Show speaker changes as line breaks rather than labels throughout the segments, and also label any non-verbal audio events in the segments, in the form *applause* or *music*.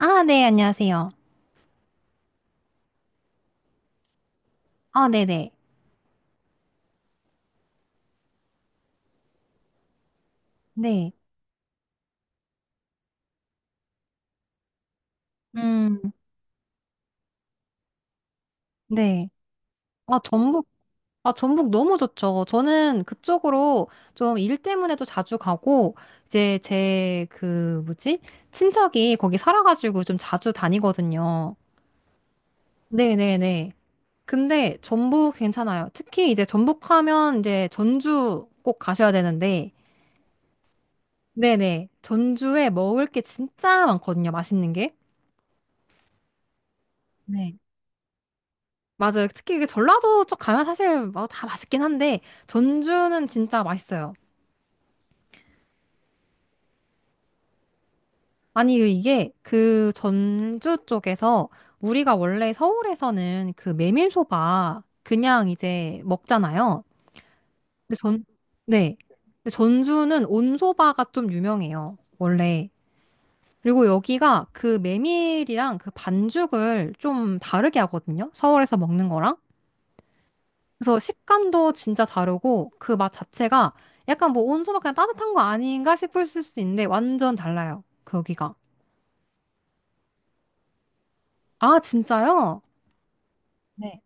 아, 네, 안녕하세요. 아, 네네. 네. 음, 네. 아, 전북, 아, 전북 너무 좋죠. 저는 그쪽으로 좀 일 때문에도 자주 가고, 이제 제 그, 뭐지? 친척이 거기 살아가지고 좀 자주 다니거든요. 네네네. 근데 전북 괜찮아요. 특히 이제 전북 하면 이제 전주 꼭 가셔야 되는데, 네네. 전주에 먹을 게 진짜 많거든요. 맛있는 게. 맞아요. 특히 이게 전라도 쪽 가면 사실 뭐다 맛있긴 한데 전주는 진짜 맛있어요. 아니 이게 그 전주 쪽에서 우리가 원래 서울에서는 그 메밀소바 그냥 이제 먹잖아요. 근데 전 네. 근데 전주는 온소바가 좀 유명해요. 원래. 그리고 여기가 그 메밀이랑 그 반죽을 좀 다르게 하거든요. 서울에서 먹는 거랑. 그래서 식감도 진짜 다르고 그 맛 자체가 약간 뭐 온수막 그냥 따뜻한 거 아닌가 싶을 수도 있는데 완전 달라요. 거기가. 아, 진짜요? 네.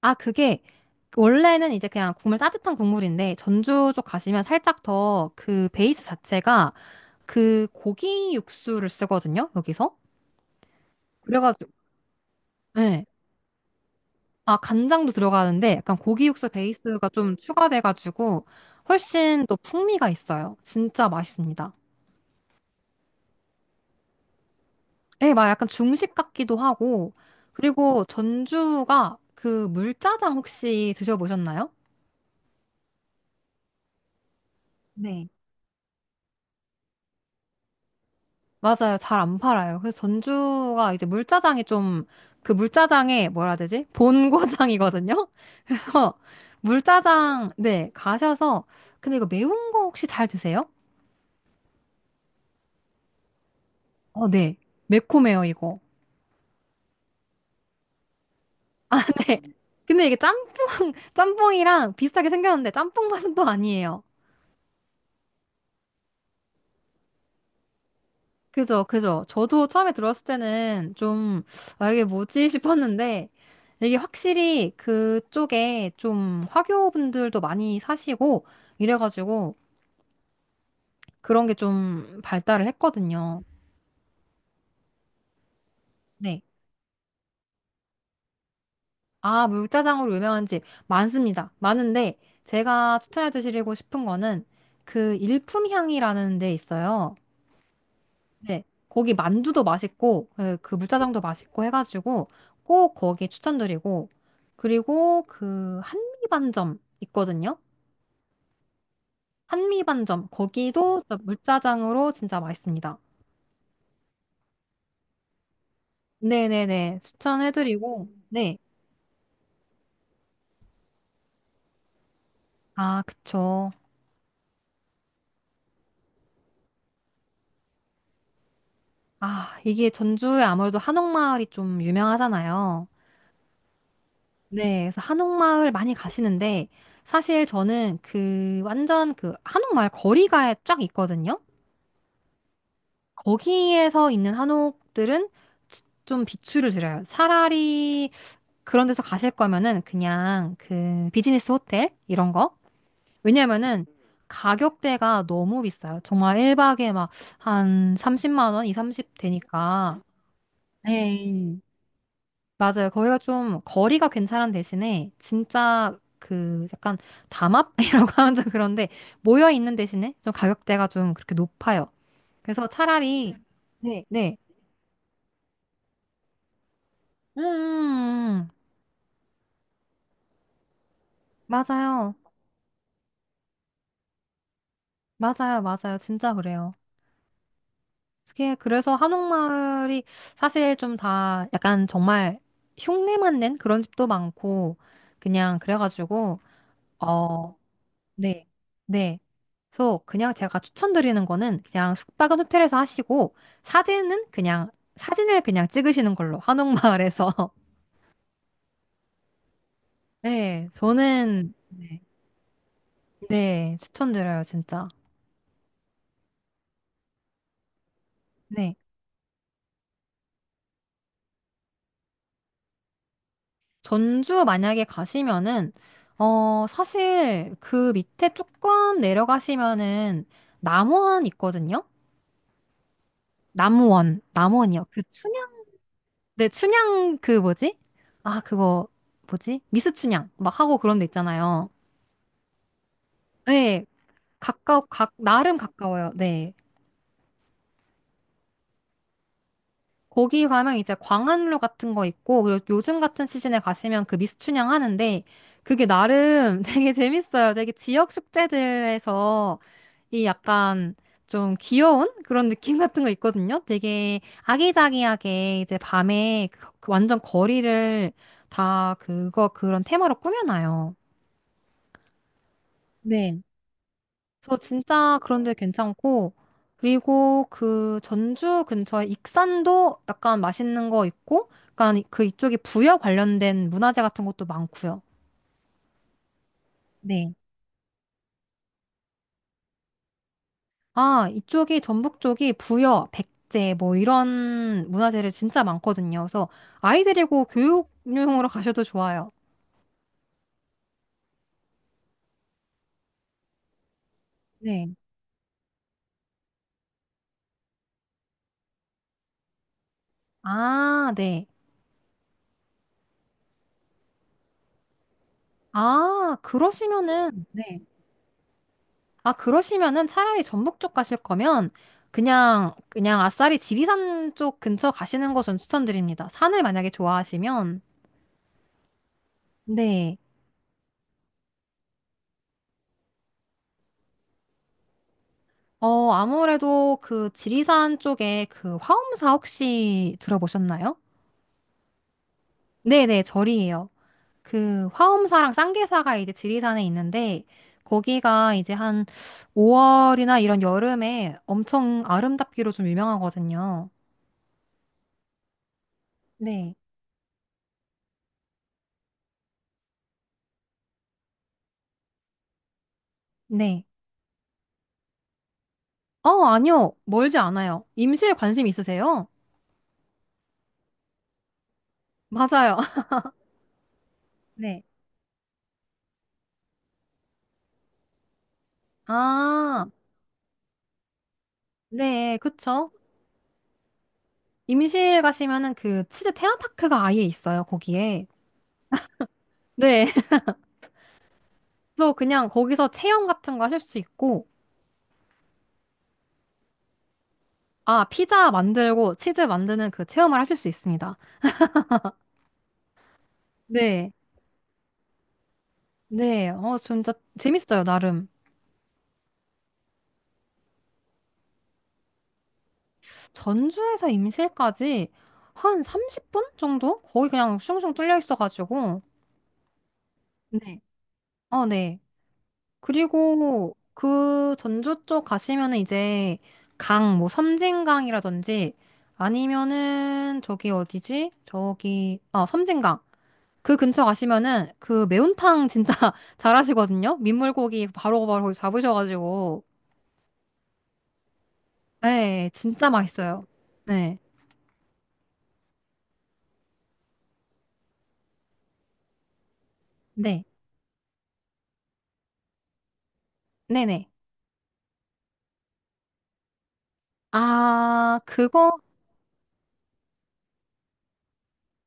아, 그게 원래는 이제 그냥 국물 따뜻한 국물인데 전주 쪽 가시면 살짝 더 그 베이스 자체가 그 고기 육수를 쓰거든요. 여기서. 그래가지고 네. 아, 간장도 들어가는데 약간 고기 육수 베이스가 좀 추가돼가지고 훨씬 또 풍미가 있어요. 진짜 맛있습니다. 네, 막 약간 중식 같기도 하고. 그리고 전주가 그 물짜장 혹시 드셔보셨나요? 네. 맞아요. 잘 안 팔아요. 그래서 전주가 이제 물짜장이 좀, 그 물짜장의 뭐라 해야 되지? 본고장이거든요? *laughs* 그래서 물짜장, 네, 가셔서, 근데 이거 매운 거 혹시 잘 드세요? 어, 네. 매콤해요, 이거. *laughs* 네. 근데 이게 짬뽕, *laughs* 짬뽕이랑 비슷하게 생겼는데 짬뽕 맛은 또 아니에요. 그죠, 그죠. 저도 처음에 들었을 때는 좀, 아, 이게 뭐지 *laughs* 싶었는데, 이게 확실히 그쪽에 좀 화교분들도 많이 사시고, 이래가지고 그런 게 좀 발달을 했거든요. 네. 아, 물짜장으로 유명한 집 많습니다. 많은데, 제가 추천해 드리고 싶은 거는 그 일품향이라는 데 있어요. 네, 거기 만두도 맛있고, 예, 그 물짜장도 맛있고 해가지고 꼭 거기 추천드리고, 그리고 그 한미반점 있거든요? 한미반점, 거기도 진짜 물짜장으로 진짜 맛있습니다. 네네네, 추천해드리고, 네. 아, 그쵸. 아, 이게 전주에 아무래도 한옥마을이 좀 유명하잖아요. 네, 그래서 한옥마을 많이 가시는데, 사실 저는 그 완전 그 한옥마을 거리가 쫙 있거든요? 거기에서 있는 한옥들은 좀 비추를 드려요. 차라리 그런 데서 가실 거면은 그냥 그 비즈니스 호텔 이런 거. 왜냐면은 가격대가 너무 비싸요. 정말 1박에 막 한 30만 원, 2, 30 되니까. 네, 맞아요. 거기가 좀 거리가 괜찮은 대신에 진짜 그 약간 담합이라고 *laughs* 하면 좀 그런데 모여 있는 대신에 좀 가격대가 좀 그렇게 높아요. 그래서 차라리 네, 네. 음, 맞아요. 맞아요. 맞아요. 진짜 그래요. 그게 그래서 한옥마을이 사실 좀 다 약간 정말 흉내만 낸 그런 집도 많고, 그냥 그래가지고, 어, 네. 네. 그래서 그냥 제가 추천드리는 거는 그냥 숙박은 호텔에서 하시고, 사진은 그냥, 사진을 그냥 찍으시는 걸로, 한옥마을에서. *laughs* 네. 저는, 네. 추천드려요. 진짜. 네. 전주 만약에 가시면은, 어, 사실 그 밑에 조금 내려가시면은 남원 있거든요? 남원, 남원이요. 그 춘향? 네, 춘향 그 뭐지? 아, 그거 뭐지? 미스 춘향 막 하고 그런 데 있잖아요. 네, 나름 가까워요. 네. 거기 가면 이제 광안루 같은 거 있고, 그리고 요즘 같은 시즌에 가시면 그 미스춘향 하는데, 그게 나름 *laughs* 되게 재밌어요. 되게 지역 축제들에서 이 약간 좀 귀여운 그런 느낌 같은 거 있거든요. 되게 아기자기하게 이제 밤에 그 완전 거리를 다 그거 그런 테마로 꾸며놔요. 네. 저 진짜 그런데 괜찮고, 그리고 그 전주 근처에 익산도 약간 맛있는 거 있고, 약간 그 이쪽이 부여 관련된 문화재 같은 것도 많고요. 네. 아, 이쪽이 전북 쪽이 부여, 백제 뭐 이런 문화재를 진짜 많거든요. 그래서 아이 데리고 교육용으로 *laughs* 가셔도 좋아요. 네. 아, 네. 아, 그러시면은, 네. 아, 그러시면은 차라리 전북 쪽 가실 거면 그냥 아싸리 지리산 쪽 근처 가시는 거 전 추천드립니다. 산을 만약에 좋아하시면. 네. 어, 아무래도 그 지리산 쪽에 그 화엄사 혹시 들어보셨나요? 네네, 절이에요. 그 화엄사랑 쌍계사가 이제 지리산에 있는데 거기가 이제 한 5월이나 이런 여름에 엄청 아름답기로 좀 유명하거든요. 네. 네. 어, 아니요. 멀지 않아요. 임시에 관심 있으세요? 맞아요. *laughs* 네. 아, 네, 그쵸. 임시에 가시면은 그 치즈 테마파크가 아예 있어요, 거기에. 네. *laughs* 그래서 그냥 거기서 체험 같은 거 하실 수 있고, 아, 피자 만들고 치즈 만드는 그 체험을 하실 수 있습니다. 네. 네. 어, 진짜 재밌어요, 나름. 전주에서 임실까지 한 30분 정도? 거의 그냥 슝슝 뚫려 있어가지고. 네. 어, 네. 그리고 그 전주 쪽 가시면은 이제 강, 뭐 섬진강이라든지 아니면은 저기 어디지? 저기, 아, 섬진강. 그 근처 가시면은 그 매운탕 진짜 *laughs* 잘하시거든요? 민물고기 바로바로 잡으셔가지고. 네, 진짜 맛있어요. 네. 네. 네네. 아, 그거,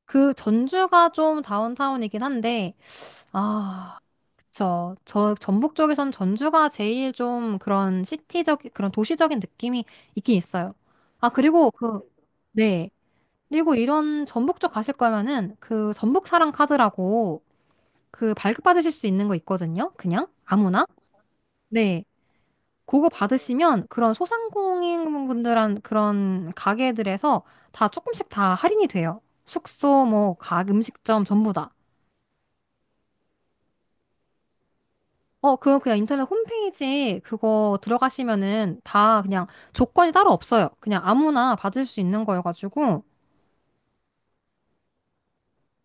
그 전주가 좀 다운타운이긴 한데, 아. 전북 쪽에선 전주가 제일 좀 그런 시티적, 그런 도시적인 느낌이 있긴 있어요. 아, 그리고 그, 네. 그리고 이런 전북 쪽 가실 거면은 그 전북 사랑 카드라고 그 발급받으실 수 있는 거 있거든요. 그냥 아무나. 네. 그거 받으시면 그런 소상공인 분들한 그런 가게들에서 다 조금씩 다 할인이 돼요. 숙소, 뭐, 각 음식점 전부 다. 어, 그거 그냥 인터넷 홈페이지 그거 들어가시면은 다 그냥 조건이 따로 없어요. 그냥 아무나 받을 수 있는 거여가지고.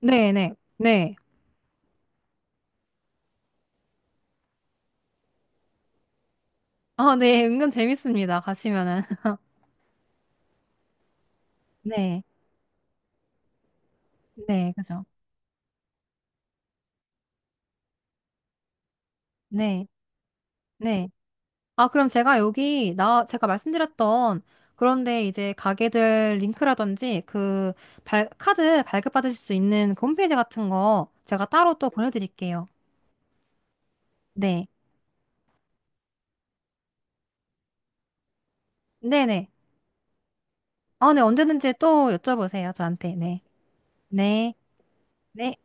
네네. 네. 네. 아, 네. *laughs* 은근 재밌습니다. 가시면은. *laughs* 네. 네. 그죠. 네. 네. 아, 그럼 제가 말씀드렸던 그런데 이제 가게들 링크라든지 그 카드 발급받으실 수 있는 그 홈페이지 같은 거 제가 따로 또 보내드릴게요. 네. 네네. 아, 네. 언제든지 또 여쭤보세요. 저한테. 네. 네. 네.